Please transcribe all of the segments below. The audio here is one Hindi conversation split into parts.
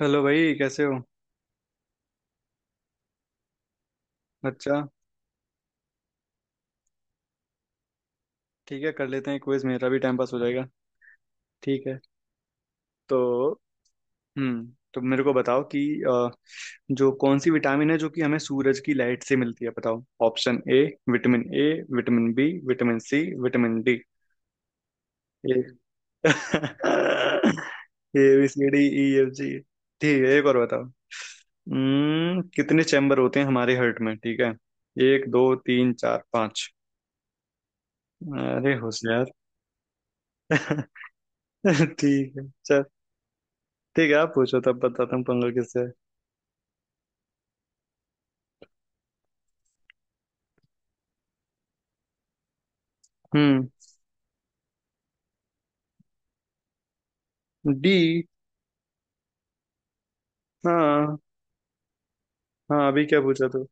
हेलो भाई, कैसे हो? अच्छा। ठीक है, कर लेते हैं क्विज, मेरा भी टाइम पास हो जाएगा। ठीक है। तो तो मेरे को बताओ कि जो कौन सी विटामिन है जो कि हमें सूरज की लाइट से मिलती है? बताओ, option A vitamin A, vitamin B, vitamin C, vitamin D. A. A B C D E F G. ठीक है, एक और बताओ। कितने चैम्बर होते हैं हमारे हर्ट में? ठीक है। एक, दो, तीन, चार, पाँच? अरे होशियार। ठीक है, चल। ठीक है, आप पूछो तब बताता हूँ पंगा किससे है। हम्म डी। हाँ। हाँ, अभी क्या पूछा तू?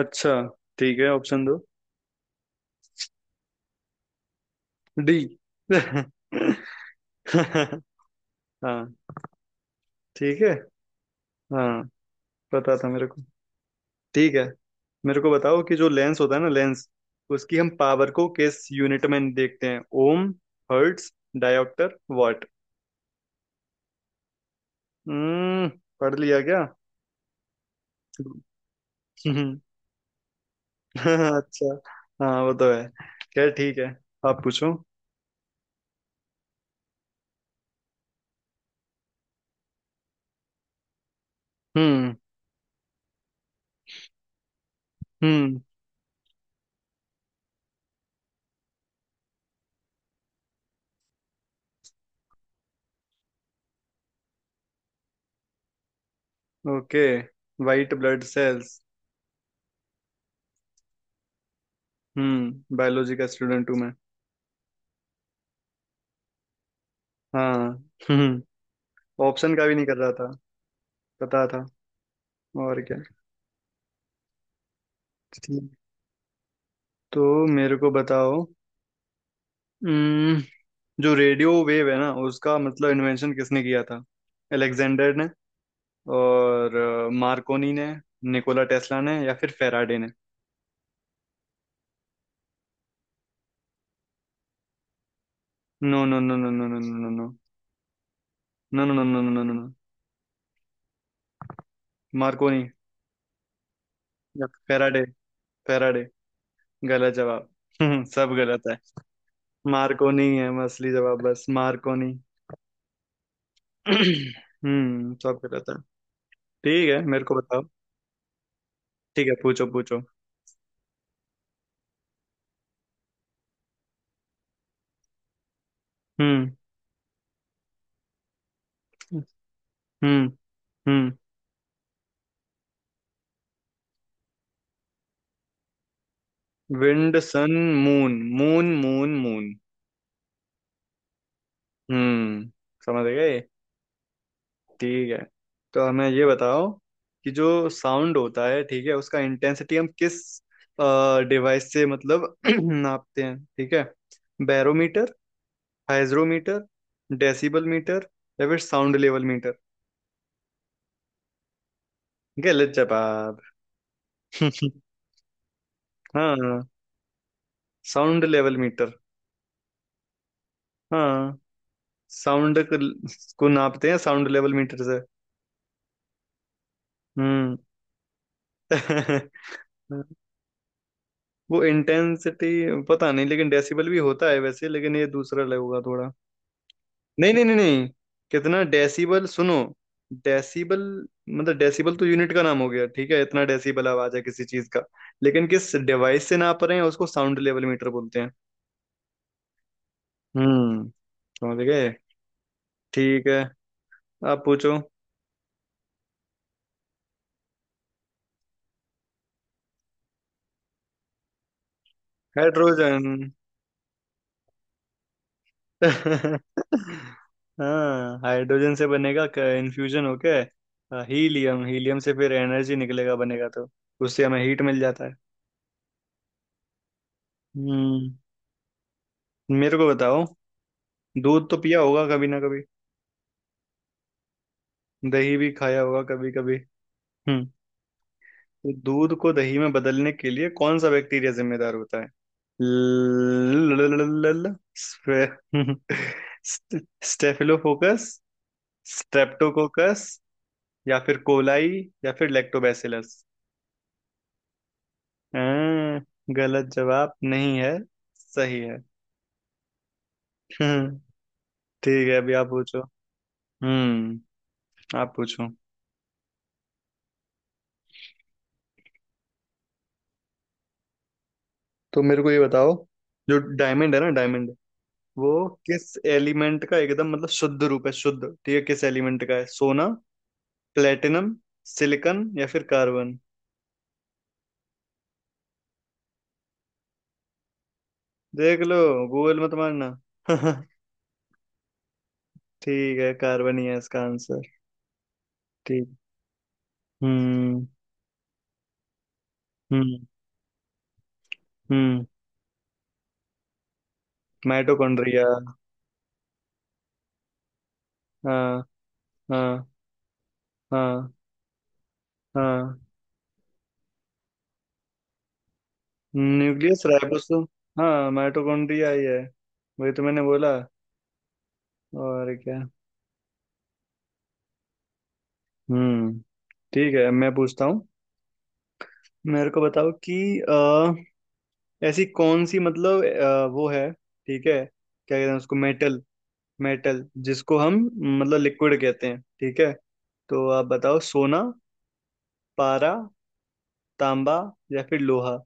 अच्छा। ठीक है, ऑप्शन दो। डी। हाँ। ठीक है। हाँ। पता था मेरे को। ठीक है। मेरे को बताओ कि जो लेंस होता है ना, लेंस उसकी हम पावर को किस यूनिट में देखते हैं? Ohm, hertz, dioptre, watt? हम्म पढ़ लिया क्या? अच्छा। हाँ, वो तो है। खैर, ठीक है। आप पूछो। हम्म। हम्म। Okay. White blood sales. Biology का स्टूडेंट हूँ मैं। हाँ। हम्म ऑप्शन का भी नहीं कर रहा था। पता था। और क्या। ठीक। तो मेरे को बताओ। हम्म जो रेडियो वेव है ना, उसका मतलब इन्वेंशन किसने किया था? अलेक्जेंडर ने, और मार्कोनी ने, निकोला टेस्ला ने, या फिर फेराडे ने? No no no no no no no no no no no no no no no no. Marconi. या फेराडे? फेराडे। गलत जवाब। सब गलत है। मार्कोनी है, मैं असली जवाब बस मार्कोनी। सब गलत है। ठीक है, मेरे को बताओ। ठीक है, पूछो पूछो। हम्म। हम्म। हम्म। Wind, sun, moon moon moon moon. हम्म। समझ गए। ठीक है। तो हमें ये बताओ कि जो साउंड होता है, ठीक है, उसका इंटेंसिटी हम किस डिवाइस से मतलब नापते हैं? ठीक है। बैरोमीटर, हाइग्रोमीटर, डेसिबल मीटर, या फिर साउंड लेवल मीटर? गलत जवाब। हाँ, साउंड लेवल मीटर। हाँ। साउंड को नापते हैं साउंड लेवल मीटर से। हम्म। वो इंटेंसिटी। पता नहीं, लेकिन डेसिबल भी होता है वैसे, लेकिन ये दूसरा लगेगा थोड़ा। नहीं नहीं नहीं नहीं। कितना डेसिबल सुनो। डेसिबल। मतलब डेसिबल तो यूनिट का नाम हो गया, ठीक है, इतना डेसिबल आवाज है किसी चीज का, लेकिन किस डिवाइस से नाप रहे हैं उसको साउंड लेवल मीटर बोलते हैं। हम्म। समझ गए। ठीक है, आप पूछो। हाइड्रोजन। हाँ, हाइड्रोजन से बनेगा इन्फ्यूजन होके हीलियम, हीलियम से फिर एनर्जी निकलेगा बनेगा, तो उससे हमें हीट मिल जाता है। हम्म। मेरे को बताओ। दूध तो पिया होगा कभी ना कभी। दही भी खाया होगा कभी कभी। हम्म तो दूध को दही में बदलने के लिए कौन सा बैक्टीरिया जिम्मेदार होता है? ल स्टे- स्टेफिलोकोकस, स्ट्रेप्टोकोकस, या फिर कोलाई, या फिर लैक्टोबैसिलस? हाँ। गलत जवाब नहीं है। सही है। हम्म, ठीक है, अभी आप पूछो। हम्म। आप पूछो। तो मेरे को ये बताओ। जो डायमंड है ना, डायमंड वो किस एलिमेंट का एकदम मतलब शुद्ध रूप है? शुद्ध, ठीक है, किस एलिमेंट का है? सोना, प्लेटिनम, सिलिकन, या फिर कार्बन? देख लो। गूगल मत मारना। ठीक है, कार्बन ही है इसका आंसर। ठीक। हम्म। हम्म। हम्म। माइटोकॉन्ड्रिया। हाँ। हाँ। हाँ। हाँ। Nucleus, ribosome. हाँ, माइटोकॉन्ड्रिया ही है। वही तो मैंने बोला। और क्या। हम्म। ठीक है, मैं पूछता हूँ। मेरे को बताओ कि अ, ऐसी कौन सी मतलब वो है, ठीक है, क्या कहते हैं उसको? मेटल। मेटल जिसको हम मतलब लिक्विड कहते हैं, ठीक है। तो आप बताओ। सोना, पारा, तांबा, या फिर लोहा?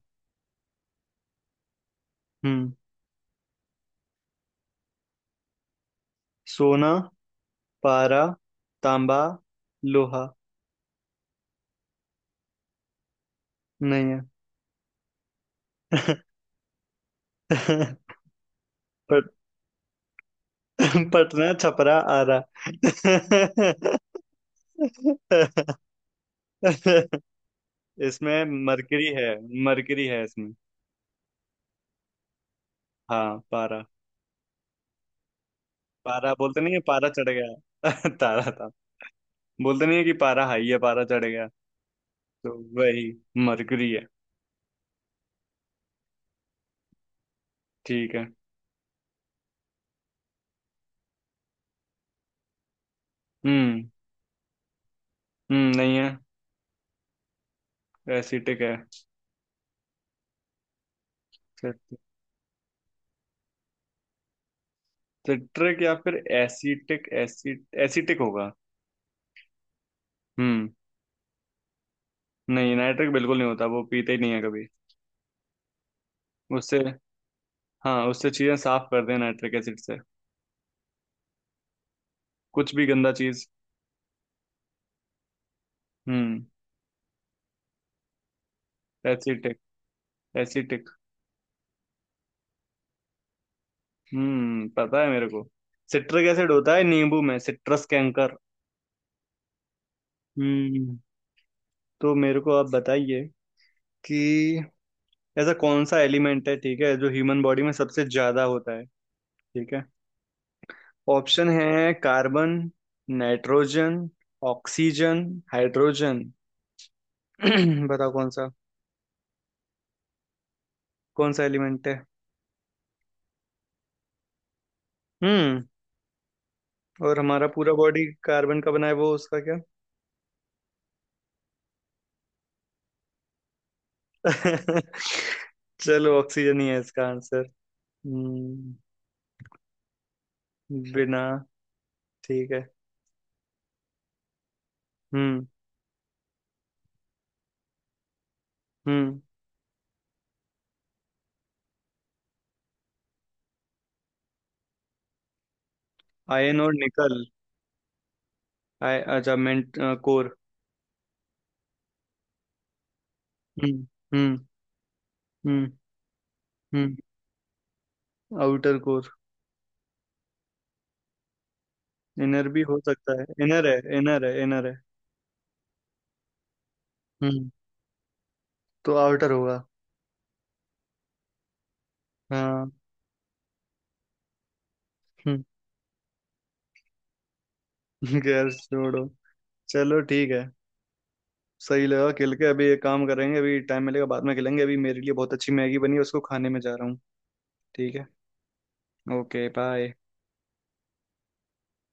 हम्म सोना, पारा, तांबा, लोहा नहीं है। पट। पटना, छपरा, आरा। इसमें मरकरी है। मरकरी है इसमें। हाँ, पारा। पारा बोलते नहीं है, पारा चढ़ गया। तारा था। बोलते नहीं है कि पारा हाई है, पारा चढ़ गया। तो वही, मरकरी है। ठीक है। हम्म। नहीं है। एसिटिक है। सिट्रिक या फिर एसिटिक एसिड? एसिटिक होगा। हम्म। नहीं, नाइट्रिक बिल्कुल नहीं होता, वो पीते ही नहीं है कभी। उससे। हाँ, उससे चीजें साफ कर दें नाइट्रिक एसिड से। कुछ भी गंदा चीज। हम्म। Acetic, acetic. पता है मेरे को। सिट्रिक एसिड होता है नींबू में, सिट्रस कैंकर। हम्म। तो मेरे को आप बताइए कि ऐसा कौन सा एलिमेंट है, ठीक है, जो ह्यूमन बॉडी में सबसे ज्यादा होता है? ठीक है। ऑप्शन है कार्बन, नाइट्रोजन, ऑक्सीजन, हाइड्रोजन। बताओ कौन सा। कौन सा एलिमेंट है? हम्म। और हमारा पूरा बॉडी कार्बन का बना है, वो उसका क्या? चलो, ऑक्सीजन ही है इसका आंसर। हम्म। बिना। ठीक है। हम्म। हम्म। आयन और निकल। आय, अच्छा, मेंट, कोर। हम्म। हम्म। हम्म। हम्म। Outer core. इनर भी हो सकता है, इनर है, इनर है, इनर है। हम्म। तो आउटर होगा। हाँ। हम्म। गैस छोड़ो। चलो ठीक है। सही लगा खेल के, अभी एक काम करेंगे, अभी टाइम मिलेगा बाद में खेलेंगे, अभी मेरे लिए बहुत अच्छी मैगी बनी है, उसको खाने में जा रहा हूँ। ठीक है। Okay bye.